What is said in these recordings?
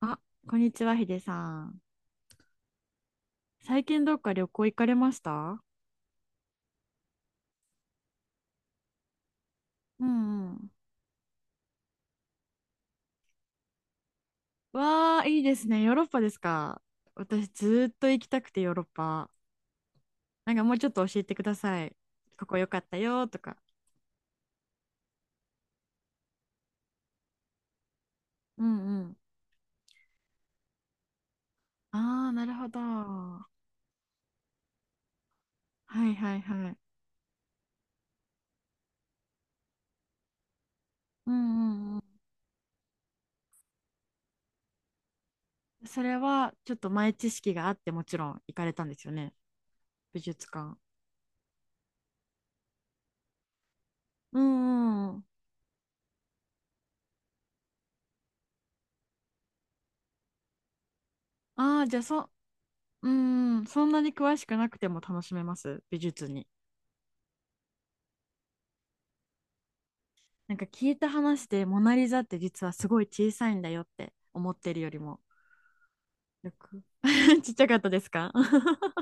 あ、こんにちは、ヒデさん。最近どっか旅行行かれました？うんうん。わあ、いいですね。ヨーロッパですか。私、ずーっと行きたくて、ヨーロッパ。なんかもうちょっと教えてください。ここ良かったよとか。うんうん。ああ、なるほど。はいはいはい。うんうんうん。それは、ちょっと前知識があって、もちろん行かれたんですよね。美術館。うんうんうん。ああ、じゃあそ、うんうん、そんなに詳しくなくても楽しめます。美術に。なんか聞いた話でモナ・リザって実はすごい小さいんだよって思ってるよりも。よく ちっちゃかったですか？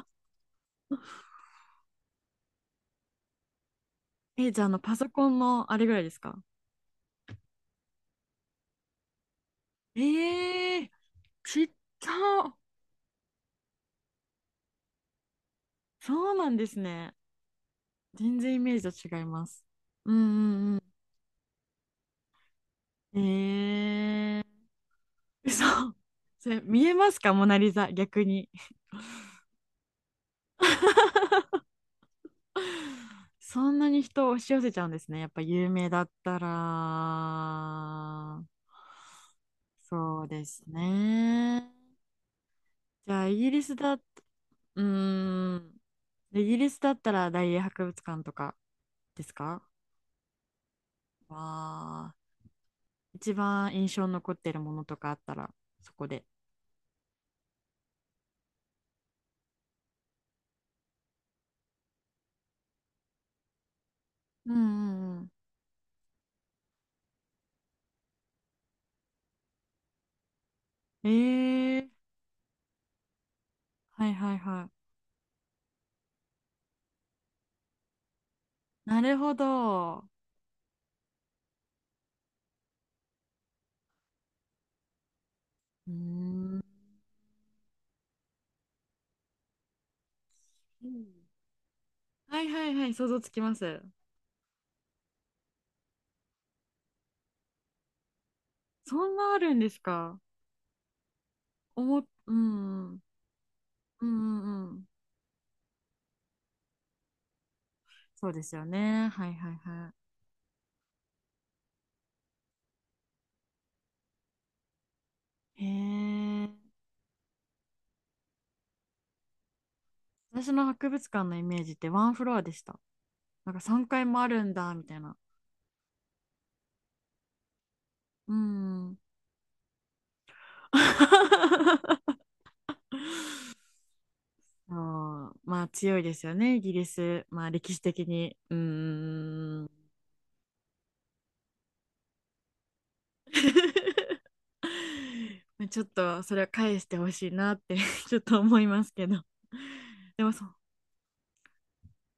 え、じゃあ、パソコンのあれぐらいですか？えー、ちっちゃ、そうなんですね。全然イメージと違います。うんうんうん。えー、嘘。それ見えますか、モナ・リザ、逆に。そんなに人を押し寄せちゃうんですね。やっぱ有名だったら。そうですね。じゃあ、イギリスだ、うーん、イギリスだったら大英博物館とかですか？わあ、一番印象に残ってるものとかあったら、そこで。うんうんうん。ええ、はいはいはい。なるほど。うーん。うん、はいはいはい、想像つきます。そんなあるんですか？うんうん、うんうんうん。そうですよね。はいはいはい。へえ。私の博物館のイメージってワンフロアでした。なんか3階もあるんだ、みたいな。うーん。あー、まあ強いですよね、イギリス。まあ歴史的に。うーん。まあちょっとそれは返してほしいなって ちょっと思いますけど。でもそう、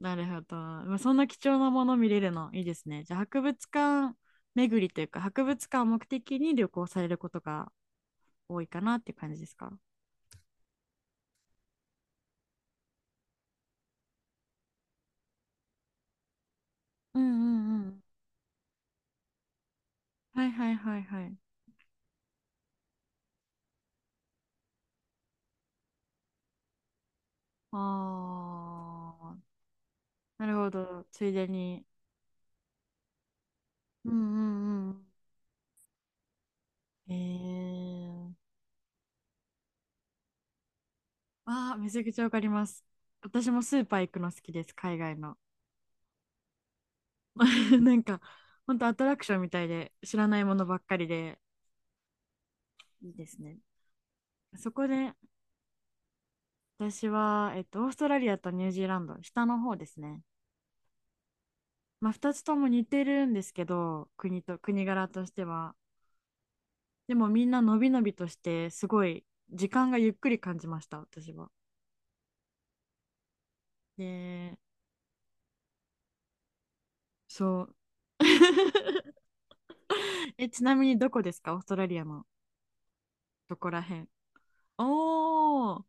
なるほど。まあ、そんな貴重なもの見れるのいいですね。じゃあ博物館巡りというか博物館を目的に旅行されることが多いかなって感じですか？うんうんうん。はいはいはいはい。ああ、なるほど。ついでに。うんうんうん。えー、ああ、めちゃくちゃわかります。私もスーパー行くの好きです、海外の。なんか、ほんとアトラクションみたいで、知らないものばっかりで、いいですね。そこで、私は、オーストラリアとニュージーランド、下の方ですね。まあ、2つとも似てるんですけど、国と、国柄としては。でもみんなのびのびとしてすごい時間がゆっくり感じました私は。で、そう、 え、ちなみにどこですか、オーストラリアの、どこら辺？おー、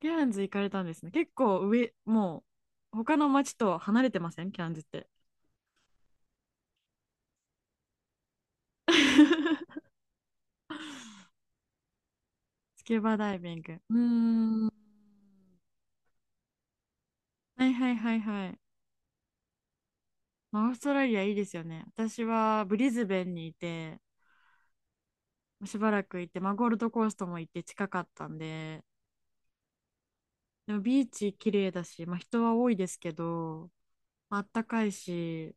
ケアンズ行かれたんですね、結構上も？う、他の町と離れてません、ケアンズって？スキューバダイビング、うーん、はいはいはいはい。まあオーストラリアいいですよね、私はブリズベンにいて、しばらくいて、まあ、ゴールドコーストも行って近かったんで。でもビーチ綺麗だし、まあ、人は多いですけど、まああったかいし、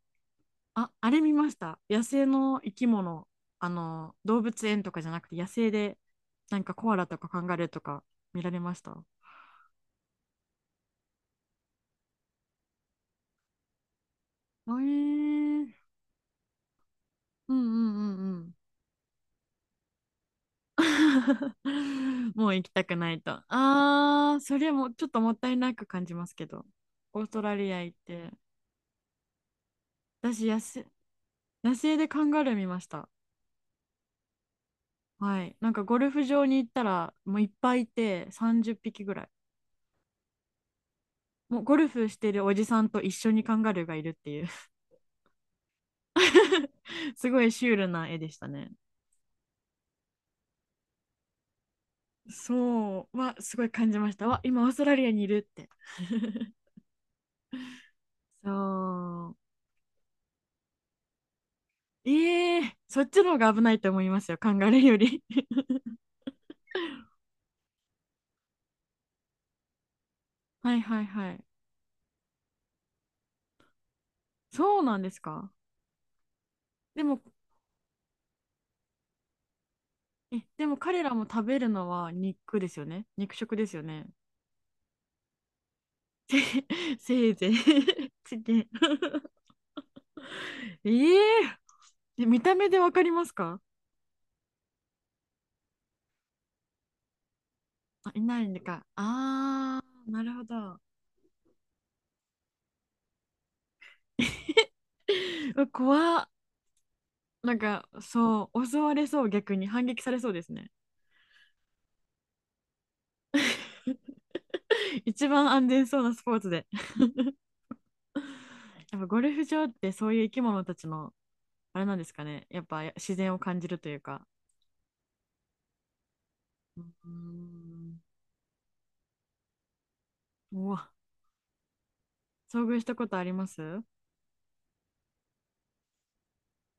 あ、あれ見ました。野生の生き物、あの、動物園とかじゃなくて野生で、なんかコアラとかカンガルーとか見られました？えー、うんうんうんうん。もう行きたくないと。あー、それもちょっともったいなく感じますけど、オーストラリア行って、私野生、野生でカンガルー見ました。はい。なんかゴルフ場に行ったら、もういっぱいいて30匹ぐらい。もうゴルフしてるおじさんと一緒にカンガルーがいるっていう。 すごいシュールな絵でしたね。そうはすごい感じました。わ、今オーストラリアにいるって。そう。ええー、そっちの方が危ないと思いますよ、カンガルーより。はいはいはい。そうなんですか。でも、え、でも彼らも食べるのは肉ですよね。肉食ですよね。せ、せいぜい ちげえ。えええ、見た目でわかりますか？あ、いないんでか。あー、なるほど。うわ怖っ。なんか、そう、襲われそう、逆に反撃されそうですね。一番安全そうなスポーツで。やっぱゴルフ場ってそういう生き物たちの、あれなんですかね。やっぱ自然を感じるというか。うーん。うわ、遭遇したことあります？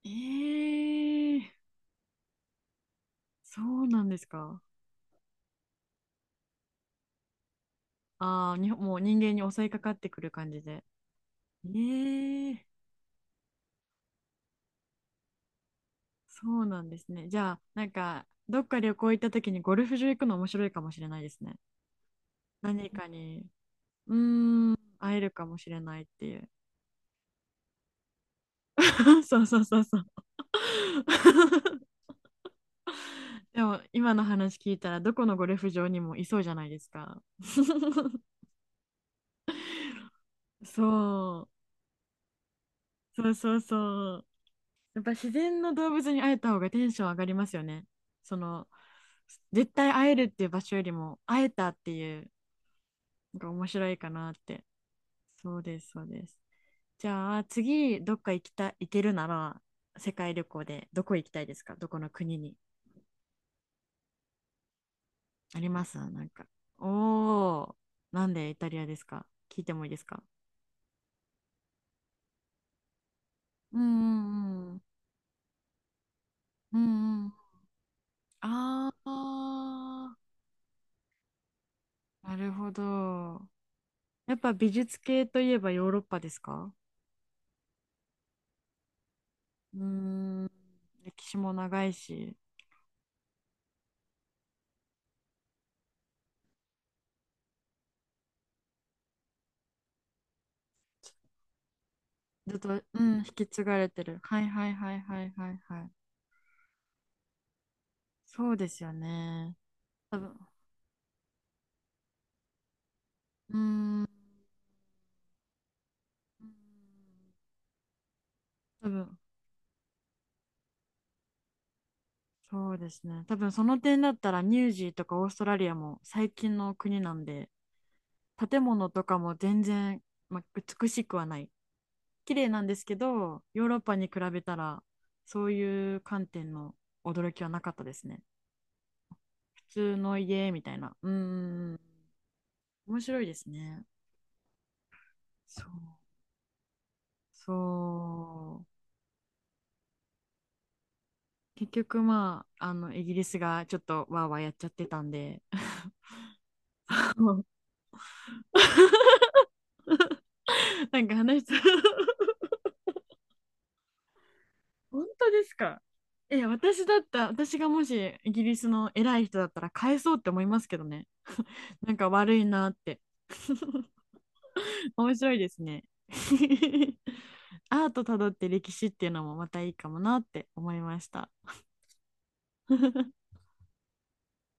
えー、そうなんですか。ああ、に、もう人間に襲いかかってくる感じで。ええ、そうなんですね。じゃあ、なんか、どっか旅行行った時にゴルフ場行くの面白いかもしれないですね。何かに、うーん、会えるかもしれないっていう。そうそうそうそう。でも、今の話聞いたら、どこのゴルフ場にもいそうじゃないですか。そう、そうそうそう。やっぱ自然の動物に会えた方がテンション上がりますよね。その、絶対会えるっていう場所よりも、会えたっていう、なんか面白いかなって。そうです、そうです。じゃあ、次、どっか行きた、行けるなら、世界旅行でどこ行きたいですか、どこの国に。ありますなんか？おー、なんでイタリアですか、聞いてもいいですか？うんうんうんうんうん、ああ、なるほど。やっぱ美術系といえばヨーロッパですか？うーん、歴史も長いし、ずっと、うん、引き継がれてる。はいはいはいはいはいはい。そうですよね。多分うーん。多分、そうですね。多分その点だったらニュージーとかオーストラリアも最近の国なんで、建物とかも全然、ま、美しくはない。綺麗なんですけど、ヨーロッパに比べたら、そういう観点の驚きはなかったですね。普通の家みたいな。うーん。面白いですね。そう。そう。結局まあ、イギリスがちょっとわーわーやっちゃってたんで、なんか話した本当ですか？え、私だった、私がもしイギリスの偉い人だったら返そうって思いますけどね。なんか悪いなって。面白いですね。アートたどって歴史っていうのもまたいいかもなって思いました。